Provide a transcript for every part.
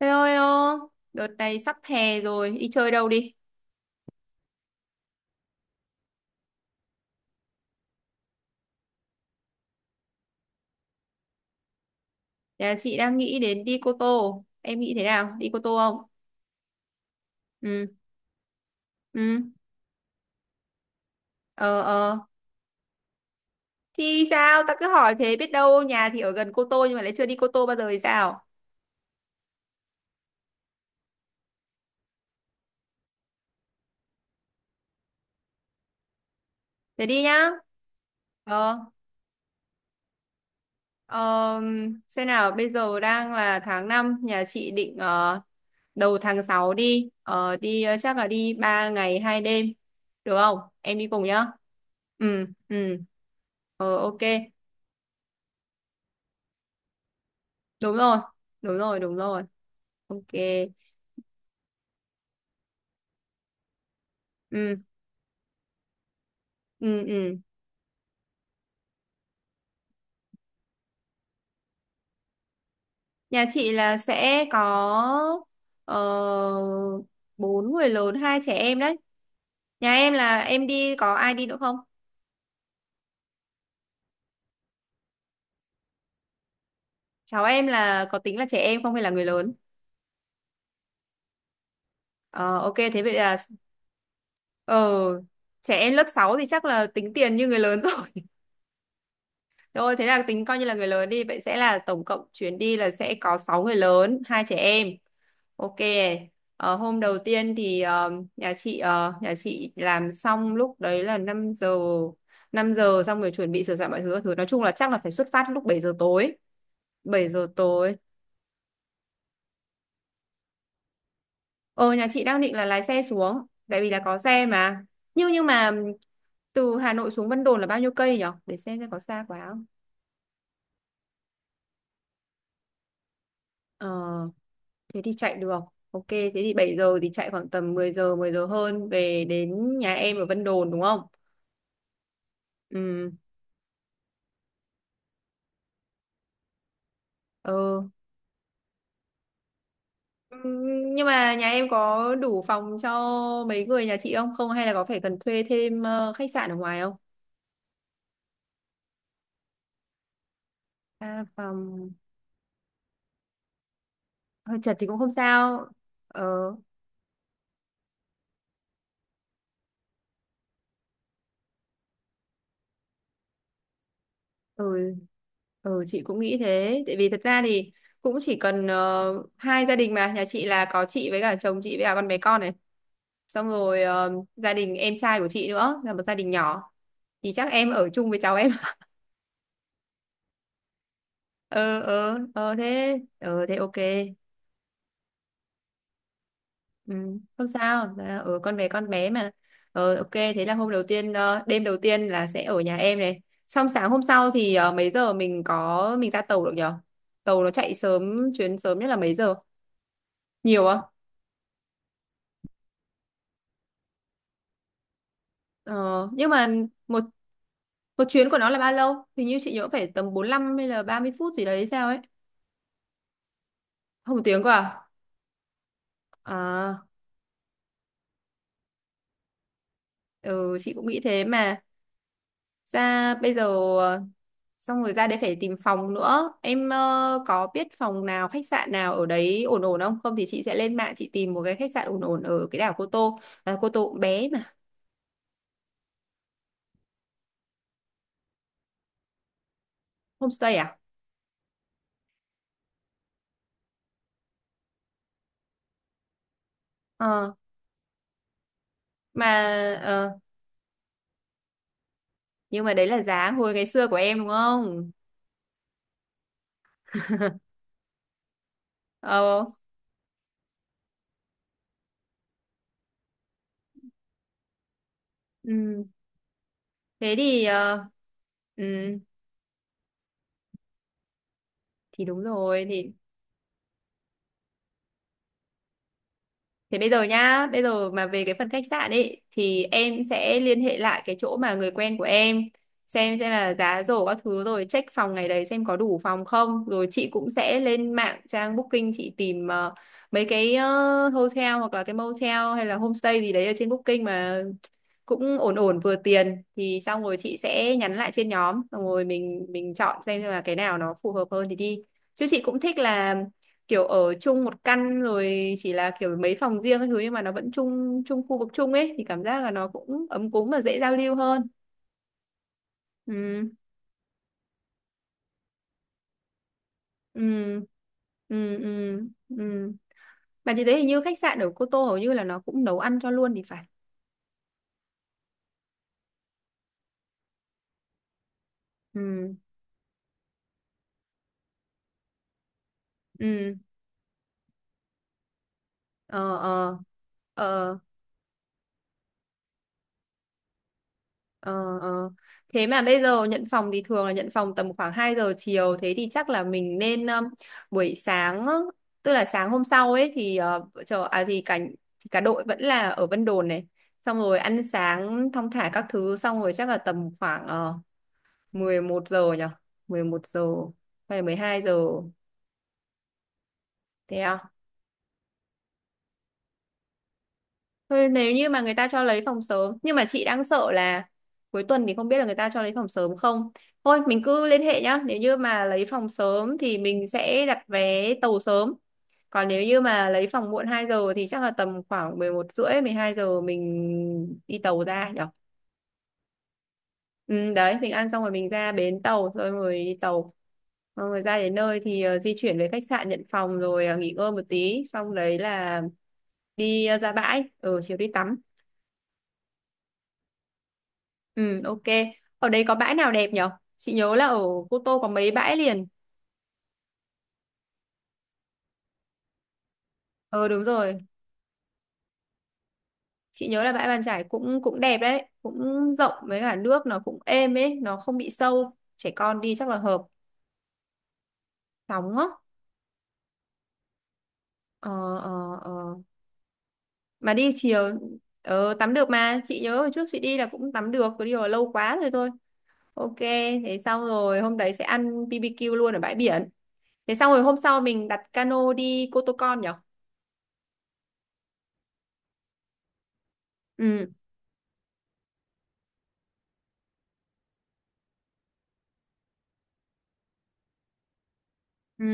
Thế thôi ô, đợt này sắp hè rồi, đi chơi đâu đi? Nhà chị đang nghĩ đến đi Cô Tô, em nghĩ thế nào? Đi Cô Tô không? Ừ, ừ, ờ, ờ. Thì sao, ta cứ hỏi thế biết đâu nhà thì ở gần Cô Tô nhưng mà lại chưa đi Cô Tô bao giờ thì sao? Thế đi nhá. Ờ, ờ, xem nào, bây giờ đang là tháng năm, nhà chị định đầu tháng 6 đi, chắc là đi 3 ngày 2 đêm, được không? Em đi cùng nhá. Ừ, ừ. Ờ, ok. Đúng rồi, đúng rồi, đúng rồi. Ok. Ừ, ừ, ừ. Nhà chị là sẽ có uh, bốn người lớn, hai trẻ em đấy. Nhà em là em đi có ai đi nữa không? Cháu em là có tính là trẻ em không hay là người lớn? Ờ, ok, thế vậy là. Ờ, trẻ em lớp 6 thì chắc là tính tiền như người lớn rồi. Rồi thế là tính coi như là người lớn đi, vậy sẽ là tổng cộng chuyến đi là sẽ có 6 người lớn, hai trẻ em. Ok. Ờ, hôm đầu tiên thì nhà chị nhà chị làm xong lúc đấy là năm giờ, xong rồi chuẩn bị sửa soạn mọi thứ các thứ, nói chung là chắc là phải xuất phát lúc bảy giờ tối. Ờ, nhà chị đang định là lái xe xuống tại vì là có xe mà. Nhưng mà từ Hà Nội xuống Vân Đồn là bao nhiêu cây nhỉ, để xem có xa quá không. Ờ, thế thì chạy được. Ok, thế thì 7 giờ thì chạy khoảng tầm mười giờ hơn về đến nhà em ở Vân Đồn đúng không? Ừ. Ờ. Nhưng mà nhà em có đủ phòng cho mấy người nhà chị không? Không hay là có phải cần thuê thêm khách sạn ở ngoài không? À, phòng hơi chật thì cũng không sao. Ờ, ừ, ừ, chị cũng nghĩ thế. Tại vì thật ra thì cũng chỉ cần hai gia đình mà. Nhà chị là có chị với cả chồng chị với cả con bé con này. Xong rồi gia đình em trai của chị nữa là một gia đình nhỏ. Thì chắc em ở chung với cháu em. Ờ, ờ, ờ thế. Ờ, thế ok. Ừ, không sao. Dạ, ừ, con bé mà. Ờ, ok, thế là hôm đầu tiên, đêm đầu tiên là sẽ ở nhà em này, xong sáng hôm sau thì mấy giờ mình ra tàu được nhở? Tàu nó chạy sớm, chuyến sớm nhất là mấy giờ? Nhiều không? Ờ, nhưng mà một một chuyến của nó là bao lâu? Hình như chị nhớ phải tầm 45 hay là 30 phút gì đấy hay sao ấy. Không một tiếng cơ à, à, ừ, chị cũng nghĩ thế mà. Ra bây giờ ờ, xong rồi ra đấy phải tìm phòng nữa. Em có biết phòng nào khách sạn nào ở đấy ổn ổn không? Không thì chị sẽ lên mạng chị tìm một cái khách sạn ổn ổn ở cái đảo Cô Tô. À, Cô Tô cũng bé mà. Homestay à. ờ mà ờ, nhưng mà đấy là giá hồi ngày xưa của em đúng không? Ờ. Ừ. Thế thì ờ, ừ, thì đúng rồi thì. Thế bây giờ nhá, bây giờ mà về cái phần khách sạn ấy thì em sẽ liên hệ lại cái chỗ mà người quen của em, xem là giá rổ các thứ rồi check phòng ngày đấy xem có đủ phòng không. Rồi chị cũng sẽ lên mạng, trang Booking chị tìm mấy cái hotel hoặc là cái motel hay là homestay gì đấy ở trên Booking mà cũng ổn ổn vừa tiền, thì xong rồi chị sẽ nhắn lại trên nhóm, xong rồi mình chọn xem là cái nào nó phù hợp hơn thì đi. Chứ chị cũng thích là kiểu ở chung một căn rồi, chỉ là kiểu mấy phòng riêng các thứ nhưng mà nó vẫn chung chung khu vực chung ấy, thì cảm giác là nó cũng ấm cúng và dễ giao lưu hơn. Ừ, ừ, ừ, ừ, ừ. Mà chị thấy hình như khách sạn ở Cô Tô hầu như là nó cũng nấu ăn cho luôn thì phải. Ừ, ừ, ờ, ờ, ờ. Ờ, ờ. Thế mà bây giờ nhận phòng thì thường là nhận phòng tầm khoảng 2 giờ chiều, thế thì chắc là mình nên buổi sáng á, tức là sáng hôm sau ấy thì ờ, vợ chờ à thì cả đội vẫn là ở Vân Đồn này, xong rồi ăn sáng thong thả các thứ, xong rồi chắc là tầm khoảng 11 giờ nhỉ. Mười một giờ hay 12 giờ? Thế à? Thôi nếu như mà người ta cho lấy phòng sớm, nhưng mà chị đang sợ là cuối tuần thì không biết là người ta cho lấy phòng sớm không. Thôi mình cứ liên hệ nhá. Nếu như mà lấy phòng sớm thì mình sẽ đặt vé tàu sớm. Còn nếu như mà lấy phòng muộn 2 giờ thì chắc là tầm khoảng 11 rưỡi, 12 giờ mình đi tàu ra nhở. Ừ, đấy, mình ăn xong rồi mình ra bến tàu, Rồi rồi đi tàu, xong rồi ra đến nơi thì di chuyển về khách sạn nhận phòng, rồi nghỉ ngơi một tí, xong đấy là đi ra bãi. Ừ, chiều đi tắm. Ừ, ok. Ở đấy có bãi nào đẹp nhở? Chị nhớ là ở Cô Tô có mấy bãi liền. Ờ, đúng rồi. Chị nhớ là bãi Bàn Chải cũng cũng đẹp đấy, cũng rộng với cả nước nó cũng êm ấy, nó không bị sâu. Trẻ con đi chắc là hợp. Sóng á. Ờ, ờ, ờ. Mà đi chiều tắm được mà, chị nhớ hồi trước chị đi là cũng tắm được, cứ đi là lâu quá rồi thôi. Ok, thế xong rồi hôm đấy sẽ ăn BBQ luôn ở bãi biển. Thế xong rồi hôm sau mình đặt cano đi Cô Tô Con nhở? Ừ. Ừ.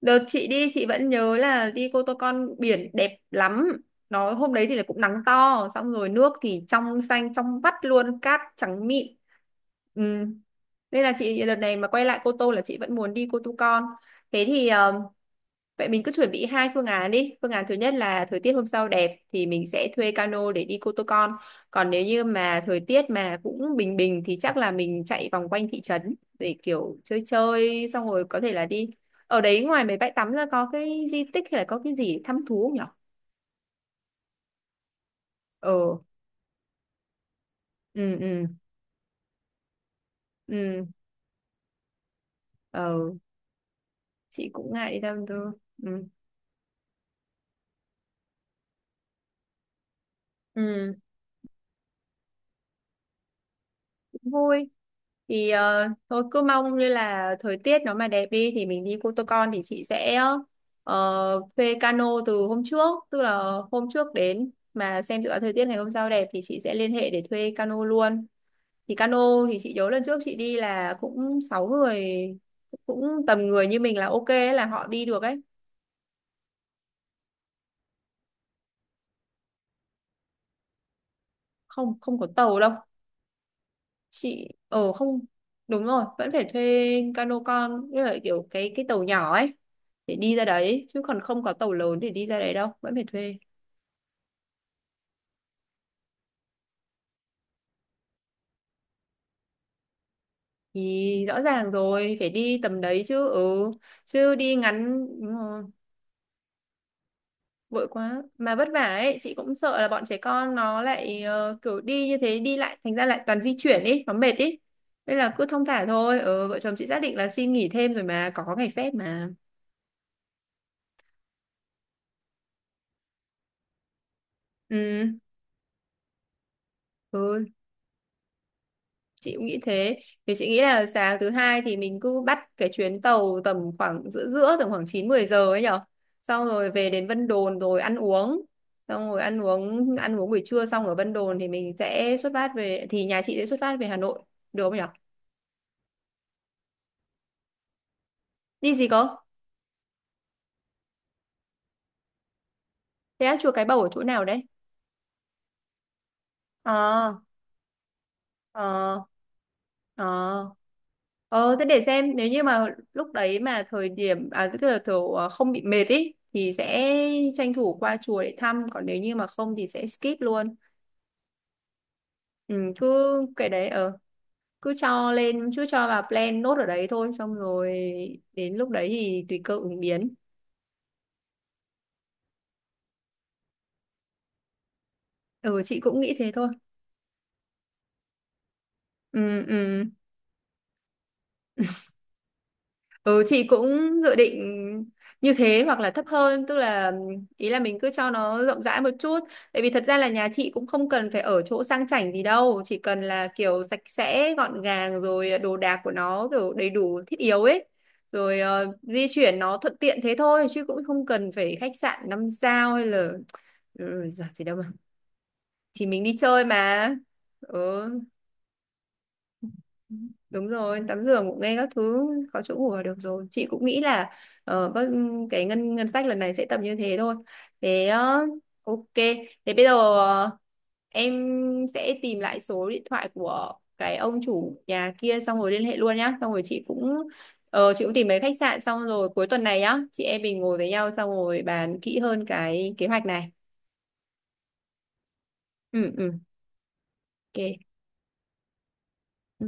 Đợt chị đi chị vẫn nhớ là đi Cô Tô Con biển đẹp lắm. Nó hôm đấy thì là cũng nắng to, xong rồi nước thì trong xanh trong vắt luôn, cát trắng mịn. Ừ. Nên là chị đợt này mà quay lại Cô Tô là chị vẫn muốn đi Cô Tô Con. Thế thì vậy mình cứ chuẩn bị hai phương án đi. Phương án thứ nhất là thời tiết hôm sau đẹp thì mình sẽ thuê cano để đi Cô Tô Con. Còn nếu như mà thời tiết mà cũng bình bình thì chắc là mình chạy vòng quanh thị trấn để kiểu chơi chơi, xong rồi có thể là đi. Ở đấy ngoài mấy bãi tắm ra có cái di tích hay là có cái gì để thăm thú không nhở? Ờ, ừ, ừ, ừ, ờ, chị cũng ngại đi thăm thú. Ừ. Ừ. Vui. Thì thôi cứ mong như là thời tiết nó mà đẹp đi thì mình đi Cô Tô Con, thì chị sẽ thuê cano từ hôm trước, tức là hôm trước đến mà xem dự báo thời tiết ngày hôm sau đẹp thì chị sẽ liên hệ để thuê cano luôn. Thì cano thì chị nhớ lần trước chị đi là cũng sáu người, cũng tầm người như mình là ok ấy, là họ đi được ấy. Không, không có tàu đâu chị. Ờ Không, đúng rồi, vẫn phải thuê cano con, như là kiểu cái tàu nhỏ ấy để đi ra đấy, chứ còn không có tàu lớn để đi ra đấy đâu, vẫn phải thuê. Thì rõ ràng rồi, phải đi tầm đấy chứ. Ừ, chứ đi ngắn đúng rồi, vội quá mà vất vả ấy. Chị cũng sợ là bọn trẻ con nó lại kiểu đi như thế, đi lại thành ra lại toàn di chuyển ý, nó mệt ý. Nên là cứ thong thả thôi. Ừ, vợ chồng chị xác định là xin nghỉ thêm rồi mà, có ngày phép mà. Ừ, ừ, chị cũng nghĩ thế. Thì chị nghĩ là sáng thứ hai thì mình cứ bắt cái chuyến tàu tầm khoảng giữa giữa tầm khoảng 9 10 giờ ấy nhở, xong rồi về đến Vân Đồn rồi ăn uống, xong rồi ăn uống buổi trưa xong ở Vân Đồn thì mình sẽ xuất phát về, thì nhà chị sẽ xuất phát về Hà Nội, được không nhở? Đi gì cơ? Thế á, chùa Cái Bầu ở chỗ nào đấy? À. Ờ, ờ, ờ thế để xem, nếu như mà lúc đấy mà thời điểm à, tức là kiểu không bị mệt ý thì sẽ tranh thủ qua chùa để thăm, còn nếu như mà không thì sẽ skip luôn. Ừ, cứ cái đấy ờ, cứ cho lên, cứ cho vào plan nốt ở đấy thôi, xong rồi đến lúc đấy thì tùy cơ ứng biến. Ừ, chị cũng nghĩ thế thôi. Ừ, ừ. Ừ, chị cũng dự định như thế, hoặc là thấp hơn. Tức là ý là mình cứ cho nó rộng rãi một chút, tại vì thật ra là nhà chị cũng không cần phải ở chỗ sang chảnh gì đâu, chỉ cần là kiểu sạch sẽ gọn gàng rồi đồ đạc của nó kiểu đầy đủ thiết yếu ấy, rồi di chuyển nó thuận tiện thế thôi, chứ cũng không cần phải khách sạn năm sao hay là. Ừ, giật gì đâu mà, thì mình đi chơi mà. Ừ, đúng rồi, tắm giường cũng nghe các thứ, có chỗ ngủ là được rồi. Chị cũng nghĩ là ờ, bất- cái ngân ngân sách lần này sẽ tầm như thế thôi. Thế ok. Thế bây giờ em sẽ tìm lại số điện thoại của cái ông chủ nhà kia xong rồi liên hệ luôn nhá. Xong rồi chị cũng chị cũng tìm mấy khách sạn, xong rồi cuối tuần này nhá, chị em mình ngồi với nhau xong rồi bàn kỹ hơn cái kế hoạch này. Ừ, ừ. Ok. Ừ.